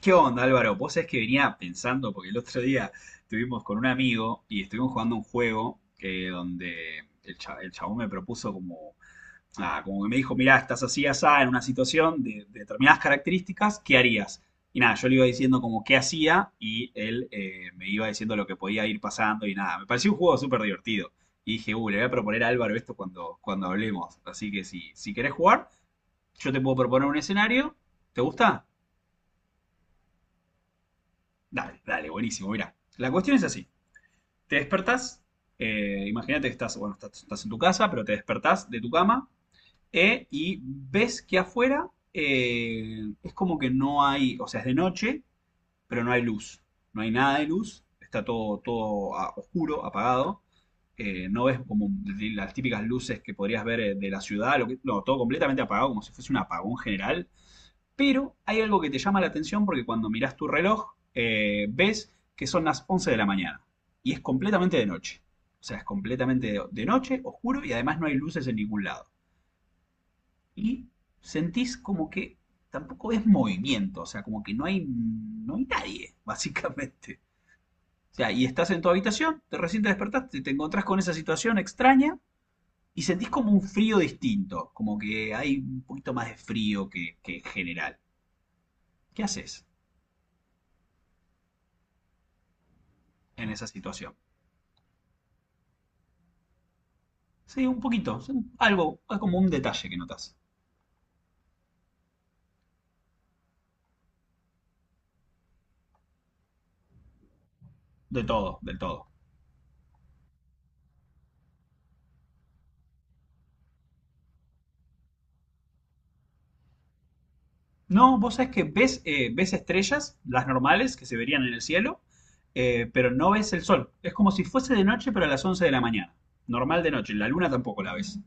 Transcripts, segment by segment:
¿Qué onda, Álvaro? Vos sabés que venía pensando, porque el otro día estuvimos con un amigo y estuvimos jugando un juego donde el chabón me propuso como, como que me dijo, mirá, estás así, asá, en una situación de determinadas características, ¿qué harías? Y nada, yo le iba diciendo como qué hacía y él me iba diciendo lo que podía ir pasando y nada, me pareció un juego súper divertido. Y dije, le voy a proponer a Álvaro esto cuando hablemos. Así que si querés jugar, yo te puedo proponer un escenario. ¿Te gusta? Dale, dale, buenísimo. Mira, la cuestión es así. Te despertás, imagínate que estás, bueno, estás en tu casa, pero te despertás de tu cama y ves que afuera es como que no hay, o sea, es de noche, pero no hay luz. No hay nada de luz, está todo oscuro, apagado. No ves como las típicas luces que podrías ver de la ciudad, no, todo completamente apagado, como si fuese un apagón general. Pero hay algo que te llama la atención porque cuando mirás tu reloj, ves que son las 11 de la mañana y es completamente de noche. O sea, es completamente de noche, oscuro y además no hay luces en ningún lado. Y sentís como que tampoco es movimiento, o sea, como que no hay nadie, básicamente. O sea, y estás en tu habitación, te recién te despertaste, te encontrás con esa situación extraña y sentís como un frío distinto, como que hay un poquito más de frío que en general. ¿Qué haces en esa situación? Sí, un poquito. Algo, es como un detalle que notas. De todo, del todo. No, vos sabés que ves estrellas, las normales que se verían en el cielo, pero no ves el sol. Es como si fuese de noche, pero a las 11 de la mañana. Normal de noche, la luna tampoco la ves.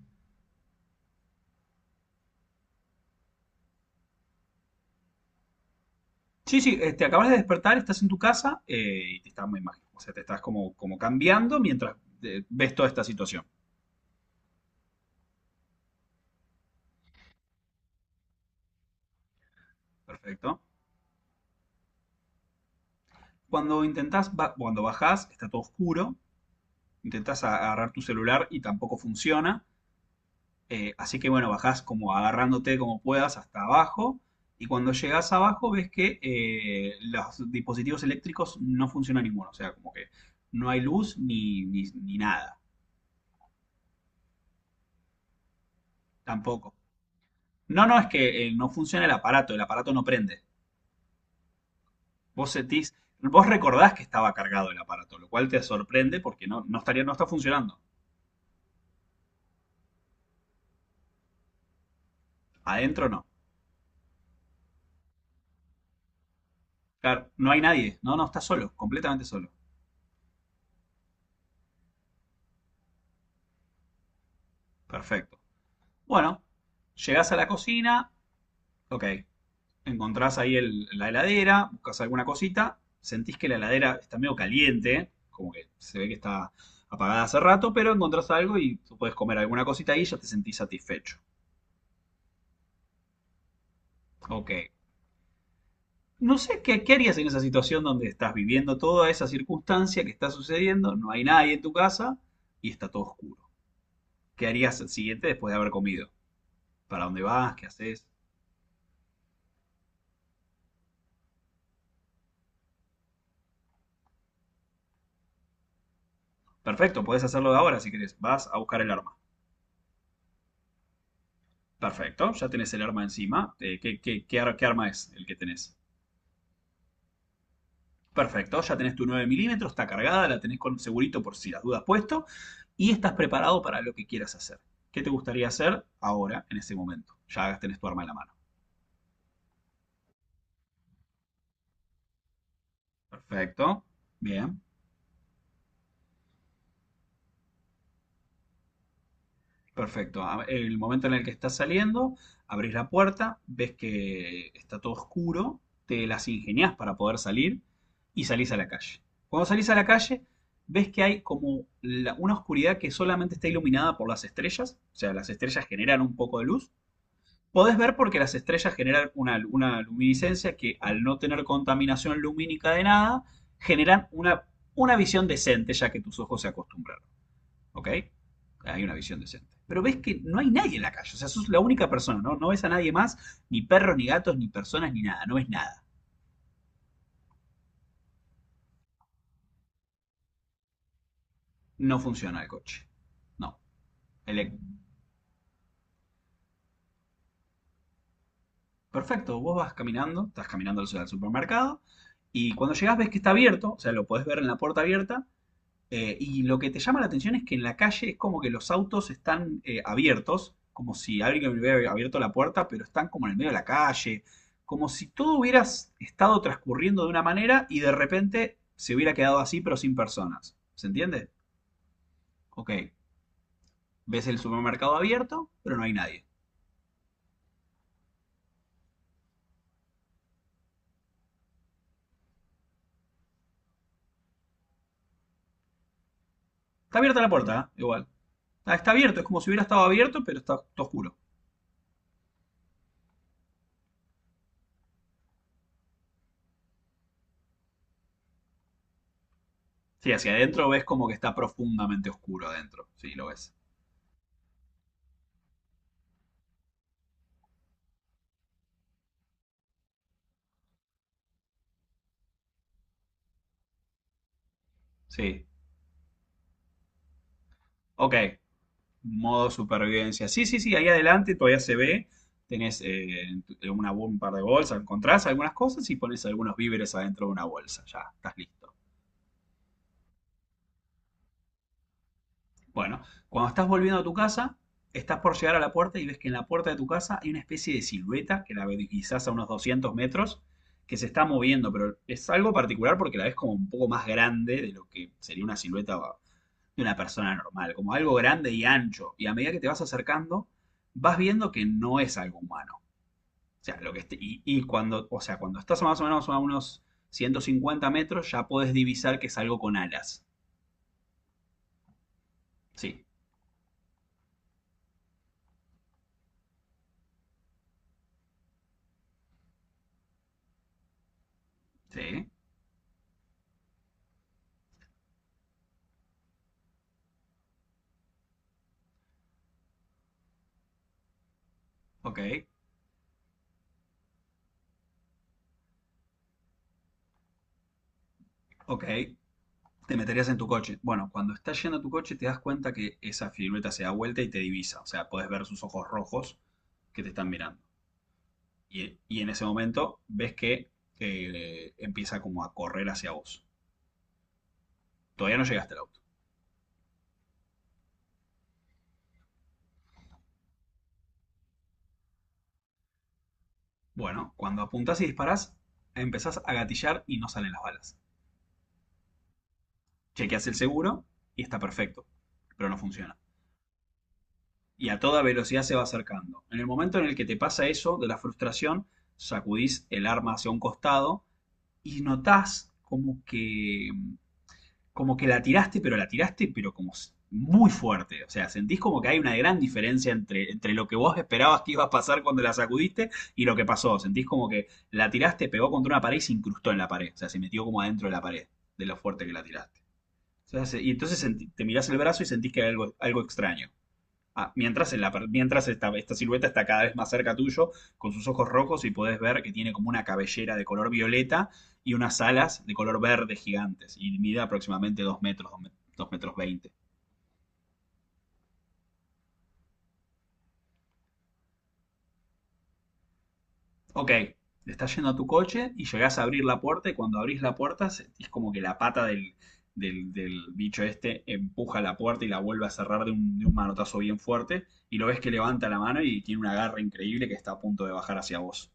Sí, sí, te acabas de despertar, estás en tu casa y te estás muy mal. O sea, te estás como cambiando mientras ves toda esta situación. Perfecto. Cuando bajás, está todo oscuro. Intentás agarrar tu celular y tampoco funciona. Así que bueno, bajás como agarrándote como puedas hasta abajo y cuando llegas abajo ves que los dispositivos eléctricos no funcionan ninguno, o sea, como que no hay luz ni nada, tampoco. No, no, es que no funciona el aparato no prende. Vos sentís, vos recordás que estaba cargado el aparato, lo cual te sorprende porque no, no estaría, no está funcionando. Adentro no. Claro, no hay nadie, no, no, está solo, completamente solo. Perfecto. Bueno, llegás a la cocina, ok, encontrás ahí la heladera, buscas alguna cosita, sentís que la heladera está medio caliente, como que se ve que está apagada hace rato, pero encontrás algo y tú puedes comer alguna cosita ahí y ya te sentís satisfecho. Ok. No sé qué harías en esa situación donde estás viviendo toda esa circunstancia que está sucediendo, no hay nadie en tu casa y está todo oscuro. ¿Qué harías el siguiente después de haber comido? ¿Para dónde vas? ¿Qué haces? Perfecto, podés hacerlo de ahora si querés. Vas a buscar el arma. Perfecto, ya tenés el arma encima. ¿Qué arma es el que tenés? Perfecto, ya tenés tu 9 milímetros, está cargada, la tenés con segurito por si las dudas puesto y estás preparado para lo que quieras hacer. ¿Qué te gustaría hacer ahora, en ese momento? Ya tenés tu arma en la mano. Perfecto, bien. Perfecto. El momento en el que estás saliendo, abrís la puerta, ves que está todo oscuro, te las ingeniás para poder salir y salís a la calle. Cuando salís a la calle, ves que hay como una oscuridad que solamente está iluminada por las estrellas, o sea, las estrellas generan un poco de luz. Podés ver porque las estrellas generan una luminiscencia que al no tener contaminación lumínica de nada, generan una visión decente ya que tus ojos se acostumbran. ¿Ok? Hay una visión decente. Pero ves que no hay nadie en la calle, o sea, sos la única persona, ¿no? No ves a nadie más, ni perros, ni gatos, ni personas, ni nada, no ves nada. No funciona el coche. No. El- Perfecto, vos vas caminando, estás caminando al supermercado, y cuando llegás ves que está abierto, o sea, lo podés ver en la puerta abierta. Y lo que te llama la atención es que en la calle es como que los autos están abiertos, como si alguien hubiera abierto la puerta, pero están como en el medio de la calle, como si todo hubiera estado transcurriendo de una manera y de repente se hubiera quedado así, pero sin personas. ¿Se entiende? Ok, ves el supermercado abierto, pero no hay nadie. Está abierta la puerta, ¿eh? Igual. Ah, está abierto, es como si hubiera estado abierto, pero está todo oscuro. Sí, hacia adentro ves como que está profundamente oscuro adentro. Sí, lo ves. Sí. Ok, modo supervivencia. Sí, sí, sí, ahí adelante todavía se ve. Tenés en un par de bolsas, encontrás algunas cosas y pones algunos víveres adentro de una bolsa. Ya, estás listo. Bueno, cuando estás volviendo a tu casa, estás por llegar a la puerta y ves que en la puerta de tu casa hay una especie de silueta que la ves quizás a unos 200 metros que se está moviendo, pero es algo particular porque la ves como un poco más grande de lo que sería una silueta de una persona normal, como algo grande y ancho. Y a medida que te vas acercando, vas viendo que no es algo humano. O sea, y cuando estás más o menos a unos 150 metros, ya podés divisar que es algo con alas. Sí, sí, ok, ok. Te meterías en tu coche. Bueno, cuando estás yendo a tu coche, te das cuenta que esa silueta se da vuelta y te divisa. O sea, podés ver sus ojos rojos que te están mirando. Y en ese momento ves que empieza como a correr hacia vos. Todavía no llegaste al auto. Bueno, cuando apuntás y disparás, empezás a gatillar y no salen las balas. Chequeas el seguro y está perfecto, pero no funciona. Y a toda velocidad se va acercando. En el momento en el que te pasa eso, de la frustración, sacudís el arma hacia un costado y notás como que la tiraste, pero como muy fuerte. O sea, sentís como que hay una gran diferencia entre lo que vos esperabas que iba a pasar cuando la sacudiste y lo que pasó. Sentís como que la tiraste, pegó contra una pared y se incrustó en la pared. O sea, se metió como adentro de la pared, de lo fuerte que la tiraste. Se hace- y entonces senti- te mirás el brazo y sentís que hay algo, algo extraño. Ah, mientras en la per- mientras esta silueta está cada vez más cerca tuyo, con sus ojos rojos, y podés ver que tiene como una cabellera de color violeta y unas alas de color verde gigantes. Y mide aproximadamente 2 metros, 2,20 metros. Ok, estás yendo a tu coche y llegás a abrir la puerta y cuando abrís la puerta es como que la pata del bicho este empuja la puerta y la vuelve a cerrar de un manotazo bien fuerte y lo ves que levanta la mano y tiene una garra increíble que está a punto de bajar hacia vos.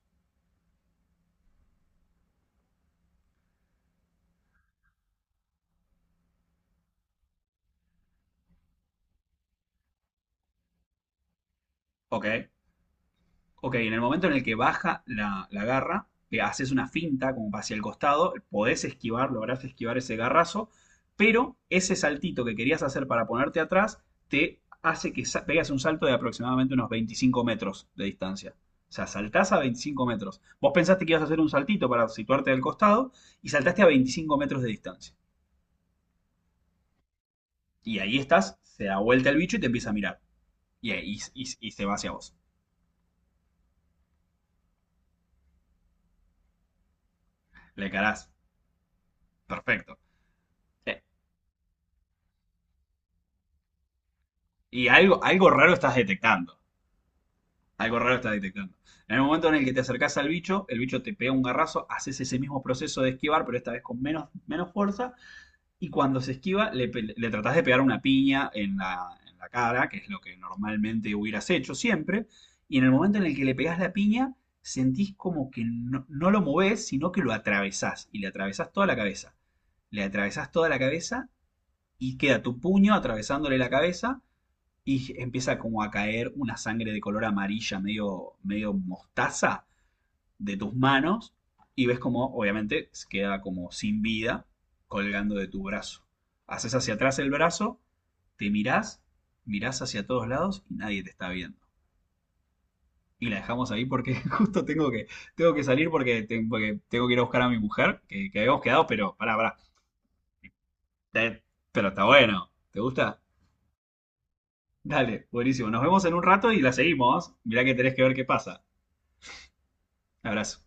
Ok. Ok, en el momento en el que baja la garra, haces una finta como hacia el costado, podés esquivar, lográs esquivar ese garrazo, pero ese saltito que querías hacer para ponerte atrás te hace que pegas un salto de aproximadamente unos 25 metros de distancia. O sea, saltás a 25 metros. Vos pensaste que ibas a hacer un saltito para situarte del costado y saltaste a 25 metros de distancia. Y ahí estás, se da vuelta el bicho y te empieza a mirar. Y se va hacia vos. Le carás. Perfecto. Eh, Y algo, algo raro estás detectando. Algo raro estás detectando. En el momento en el que te acercás al bicho, el bicho te pega un garrazo, haces ese mismo proceso de esquivar, pero esta vez con menos fuerza. Y cuando se esquiva, le tratás de pegar una piña en la cara, que es lo que normalmente hubieras hecho siempre. Y en el momento en el que le pegás la piña, sentís como que no, no lo movés, sino que lo atravesás. Y le atravesás toda la cabeza. Le atravesás toda la cabeza y queda tu puño atravesándole la cabeza y empieza como a caer una sangre de color amarilla, medio, medio mostaza, de tus manos y ves como, obviamente, se queda como sin vida colgando de tu brazo. Haces hacia atrás el brazo, te mirás, mirás hacia todos lados y nadie te está viendo. Y la dejamos ahí porque justo tengo que salir porque, porque tengo que ir a buscar a mi mujer, que habíamos quedado, pero pará, pará. Eh, Pero está bueno. ¿Te gusta? Dale, buenísimo. Nos vemos en un rato y la seguimos. Mirá que tenés que ver qué pasa. Abrazo.